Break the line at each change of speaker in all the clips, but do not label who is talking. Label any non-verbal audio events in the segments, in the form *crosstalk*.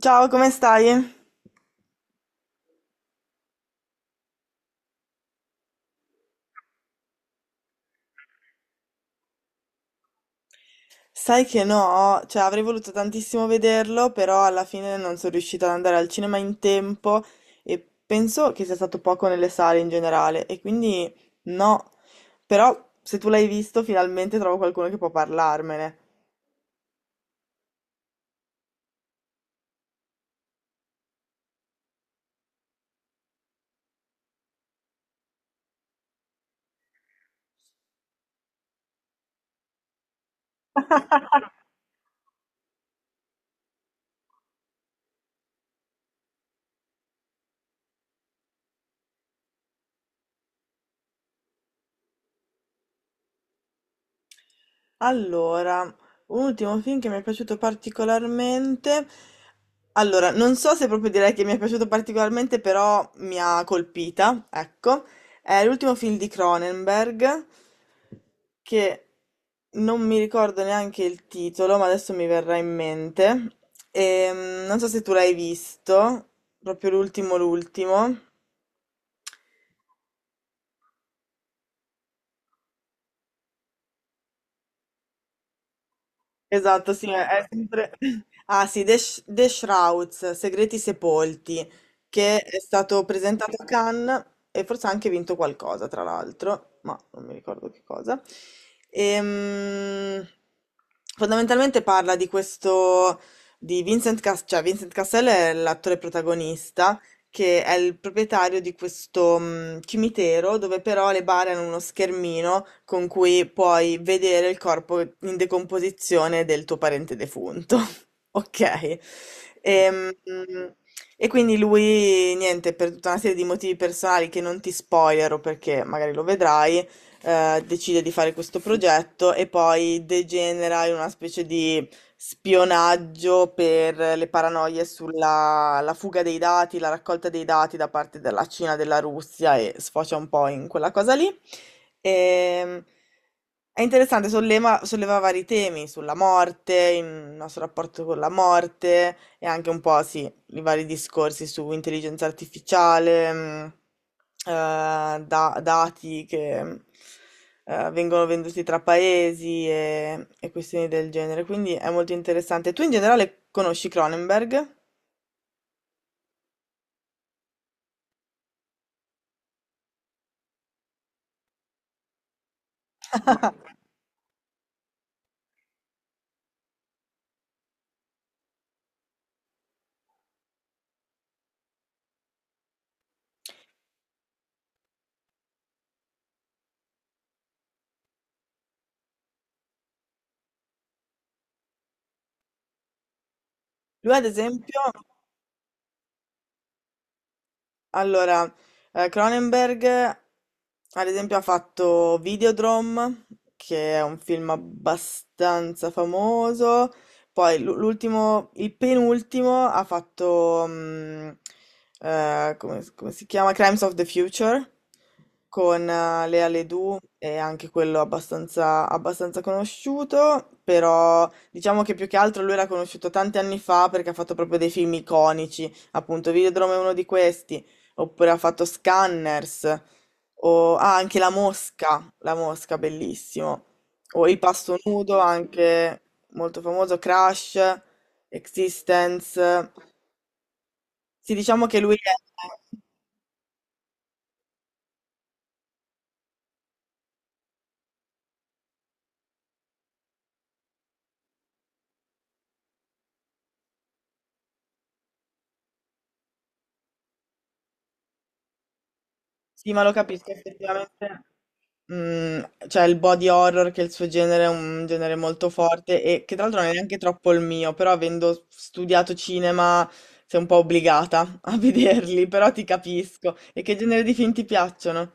Ciao, come stai? Sai che no, cioè avrei voluto tantissimo vederlo, però alla fine non sono riuscita ad andare al cinema in tempo e penso che sia stato poco nelle sale in generale e quindi no. Però se tu l'hai visto, finalmente trovo qualcuno che può parlarmene. Allora, un ultimo film che mi è piaciuto particolarmente. Allora, non so se proprio direi che mi è piaciuto particolarmente, però mi ha colpita, ecco. È l'ultimo film di Cronenberg, che non mi ricordo neanche il titolo, ma adesso mi verrà in mente. Non so se tu l'hai visto, proprio l'ultimo, l'ultimo. Esatto, sì, è sempre... *laughs* Ah sì, The Shrouds, Segreti Sepolti, che è stato presentato a Cannes e forse ha anche vinto qualcosa, tra l'altro, ma non mi ricordo che cosa. Ehm, Fondamentalmente parla di questo, di Vincent Cassel, cioè Vincent Cassel è l'attore protagonista, che è il proprietario di questo cimitero dove però le bare hanno uno schermino con cui puoi vedere il corpo in decomposizione del tuo parente defunto. *laughs* Ok. Ehm, quindi lui, niente, per tutta una serie di motivi personali che non ti spoilero perché magari lo vedrai, decide di fare questo progetto e poi degenera in una specie di spionaggio per le paranoie sulla la fuga dei dati, la raccolta dei dati da parte della Cina, della Russia e sfocia un po' in quella cosa lì. Ehm, è interessante, solleva vari temi sulla morte, il nostro rapporto con la morte e anche un po', sì, i vari discorsi su intelligenza artificiale, eh, dati che vengono venduti tra paesi e questioni del genere. Quindi è molto interessante. Tu in generale conosci Cronenberg? Lui, ad esempio. Allora, Cronenberg, ad esempio, ha fatto Videodrome, che è un film abbastanza famoso. Poi l'ultimo, il penultimo, ha fatto, come, come si chiama? Crimes of the Future, con Lea Seydoux, è anche quello abbastanza, abbastanza conosciuto, però diciamo che più che altro lui era conosciuto tanti anni fa perché ha fatto proprio dei film iconici, appunto Videodrome è uno di questi. Oppure ha fatto Scanners, o ah, anche La Mosca, La Mosca, bellissimo. O Il Pasto Nudo, anche molto famoso, Crash, Existence. Sì, diciamo che lui è... Sì, ma lo capisco effettivamente. Mm, cioè il body horror, che è il suo genere è un genere molto forte e che tra l'altro non è neanche troppo il mio, però avendo studiato cinema sei un po' obbligata a *laughs* vederli, però ti capisco. E che genere di film ti piacciono?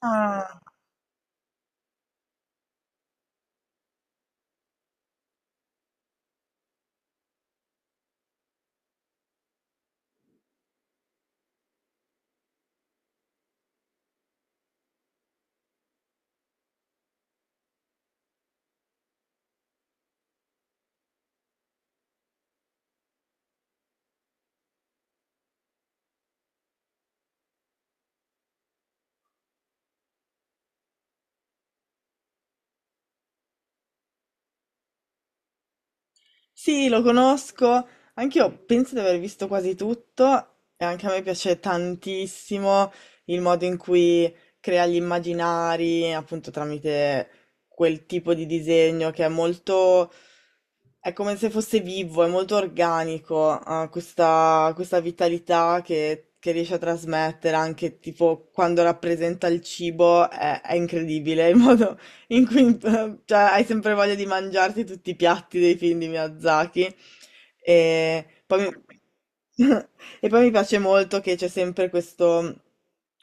Ah, sì, lo conosco. Anch'io penso di aver visto quasi tutto e anche a me piace tantissimo il modo in cui crea gli immaginari, appunto tramite quel tipo di disegno che è molto... è come se fosse vivo, è molto organico, ha questa, questa vitalità che riesce a trasmettere anche tipo quando rappresenta il cibo, è incredibile il modo in cui, *laughs* cioè, hai sempre voglia di mangiarti tutti i piatti dei film di Miyazaki. E poi mi, *laughs* e poi mi piace molto che c'è sempre questo,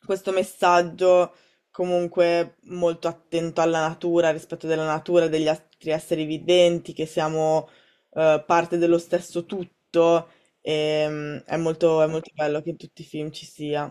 questo messaggio comunque molto attento alla natura, al rispetto della natura, degli altri esseri viventi, che siamo parte dello stesso tutto. È molto, è molto bello che in tutti i film ci sia.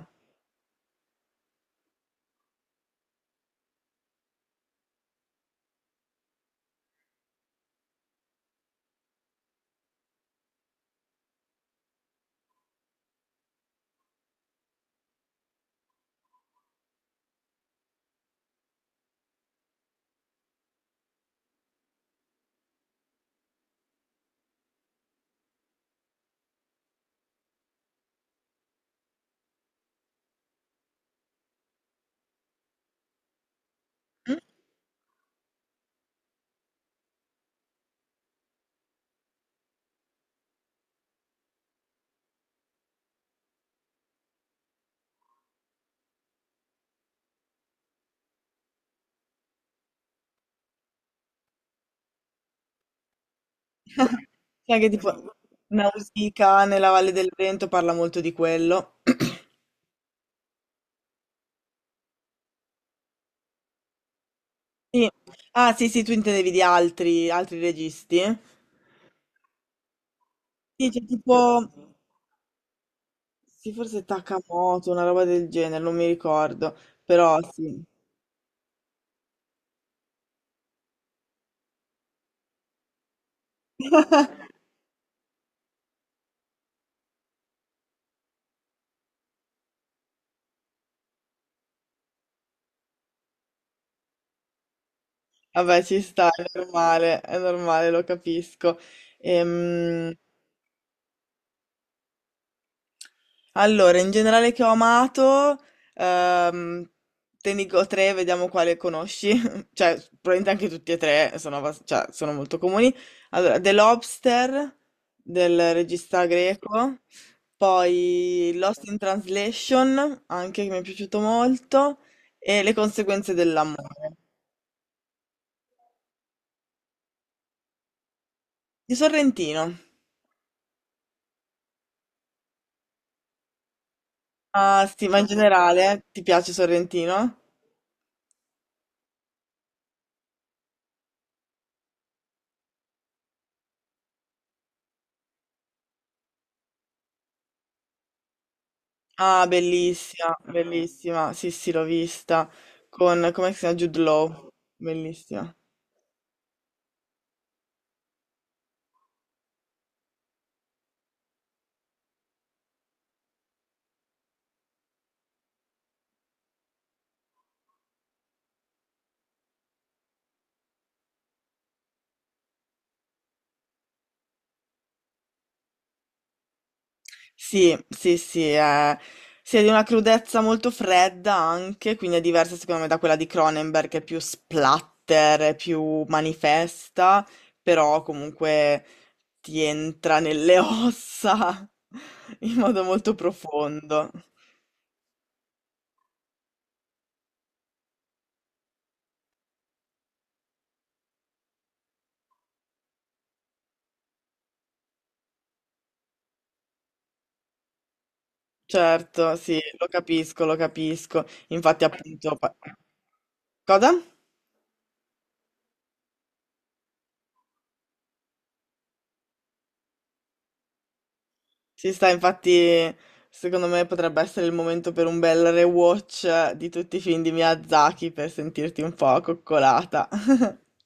Sì, anche tipo Nausicaä nella Valle del Vento parla molto di quello. *clears throat* Sì. Ah, sì, sì, tu intendevi di altri, altri registi? Sì, c'è tipo, sì, forse Takamoto, una roba del genere, non mi ricordo, però sì. Vabbè, ci sta, è normale, lo capisco. Ehm, Allora, in generale che ho amato, ehm, te ne dico tre, vediamo quale conosci. *laughs* Cioè, probabilmente anche tutti e tre sono, cioè, sono molto comuni. Allora, The Lobster del regista greco, poi Lost in Translation, anche che mi è piaciuto molto, e Le conseguenze dell'amore di Sorrentino. Ah, sì, ma in generale, ti piace Sorrentino? Ah, bellissima, bellissima. Sì, sì, l'ho vista. Con, come si chiama? Jude Law. Bellissima. Sì, sì, sì. È, sì, è di una crudezza molto fredda anche, quindi è diversa secondo me da quella di Cronenberg, che è più splatter, è più manifesta, però comunque ti entra nelle ossa *laughs* in modo molto profondo. Certo, sì, lo capisco, lo capisco. Cosa? Ci sta, infatti, secondo me potrebbe essere il momento per un bel rewatch di tutti i film di Miyazaki per sentirti un po' coccolata. *laughs*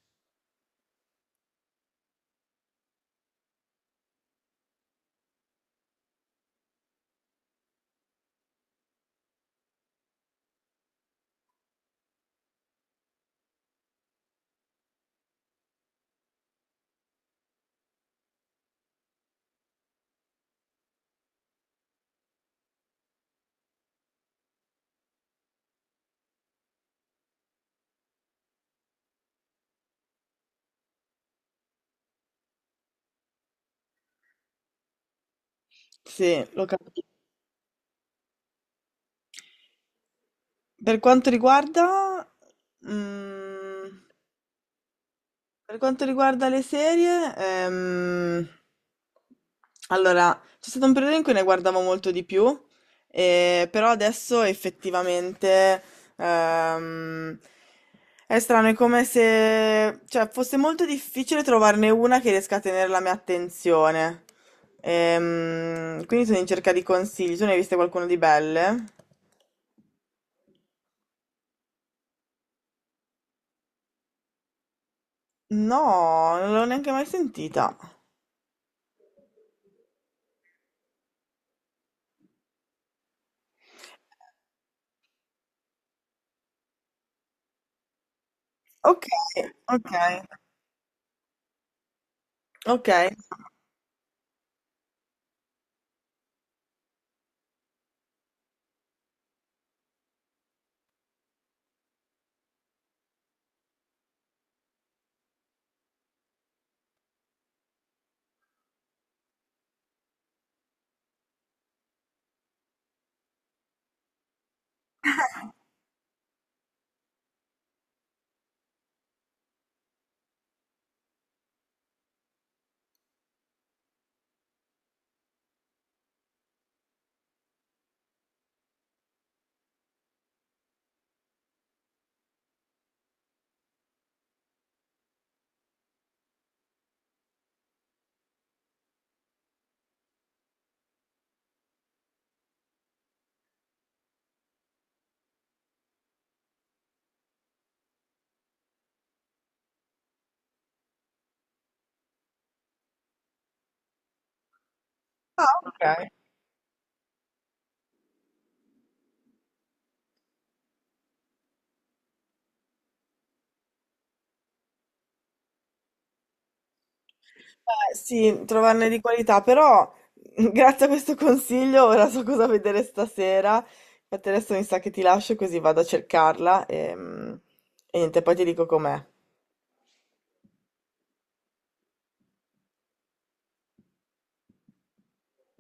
Sì, lo capisco. Per quanto riguarda... mm, Per quanto riguarda le serie, allora c'è stato un periodo in cui ne guardavo molto di più, però adesso effettivamente ehm, è strano, è come se cioè, fosse molto difficile trovarne una che riesca a tenere la mia attenzione. Quindi sono in cerca di consigli. Tu ne hai viste qualcuno di belle? No, non l'ho neanche mai sentita. Ok, ok, ok. Ah, ok. Sì, trovarne di qualità, però *laughs* grazie a questo consiglio ora so cosa vedere stasera. Infatti adesso mi sa che ti lascio così vado a cercarla e niente, poi ti dico com'è.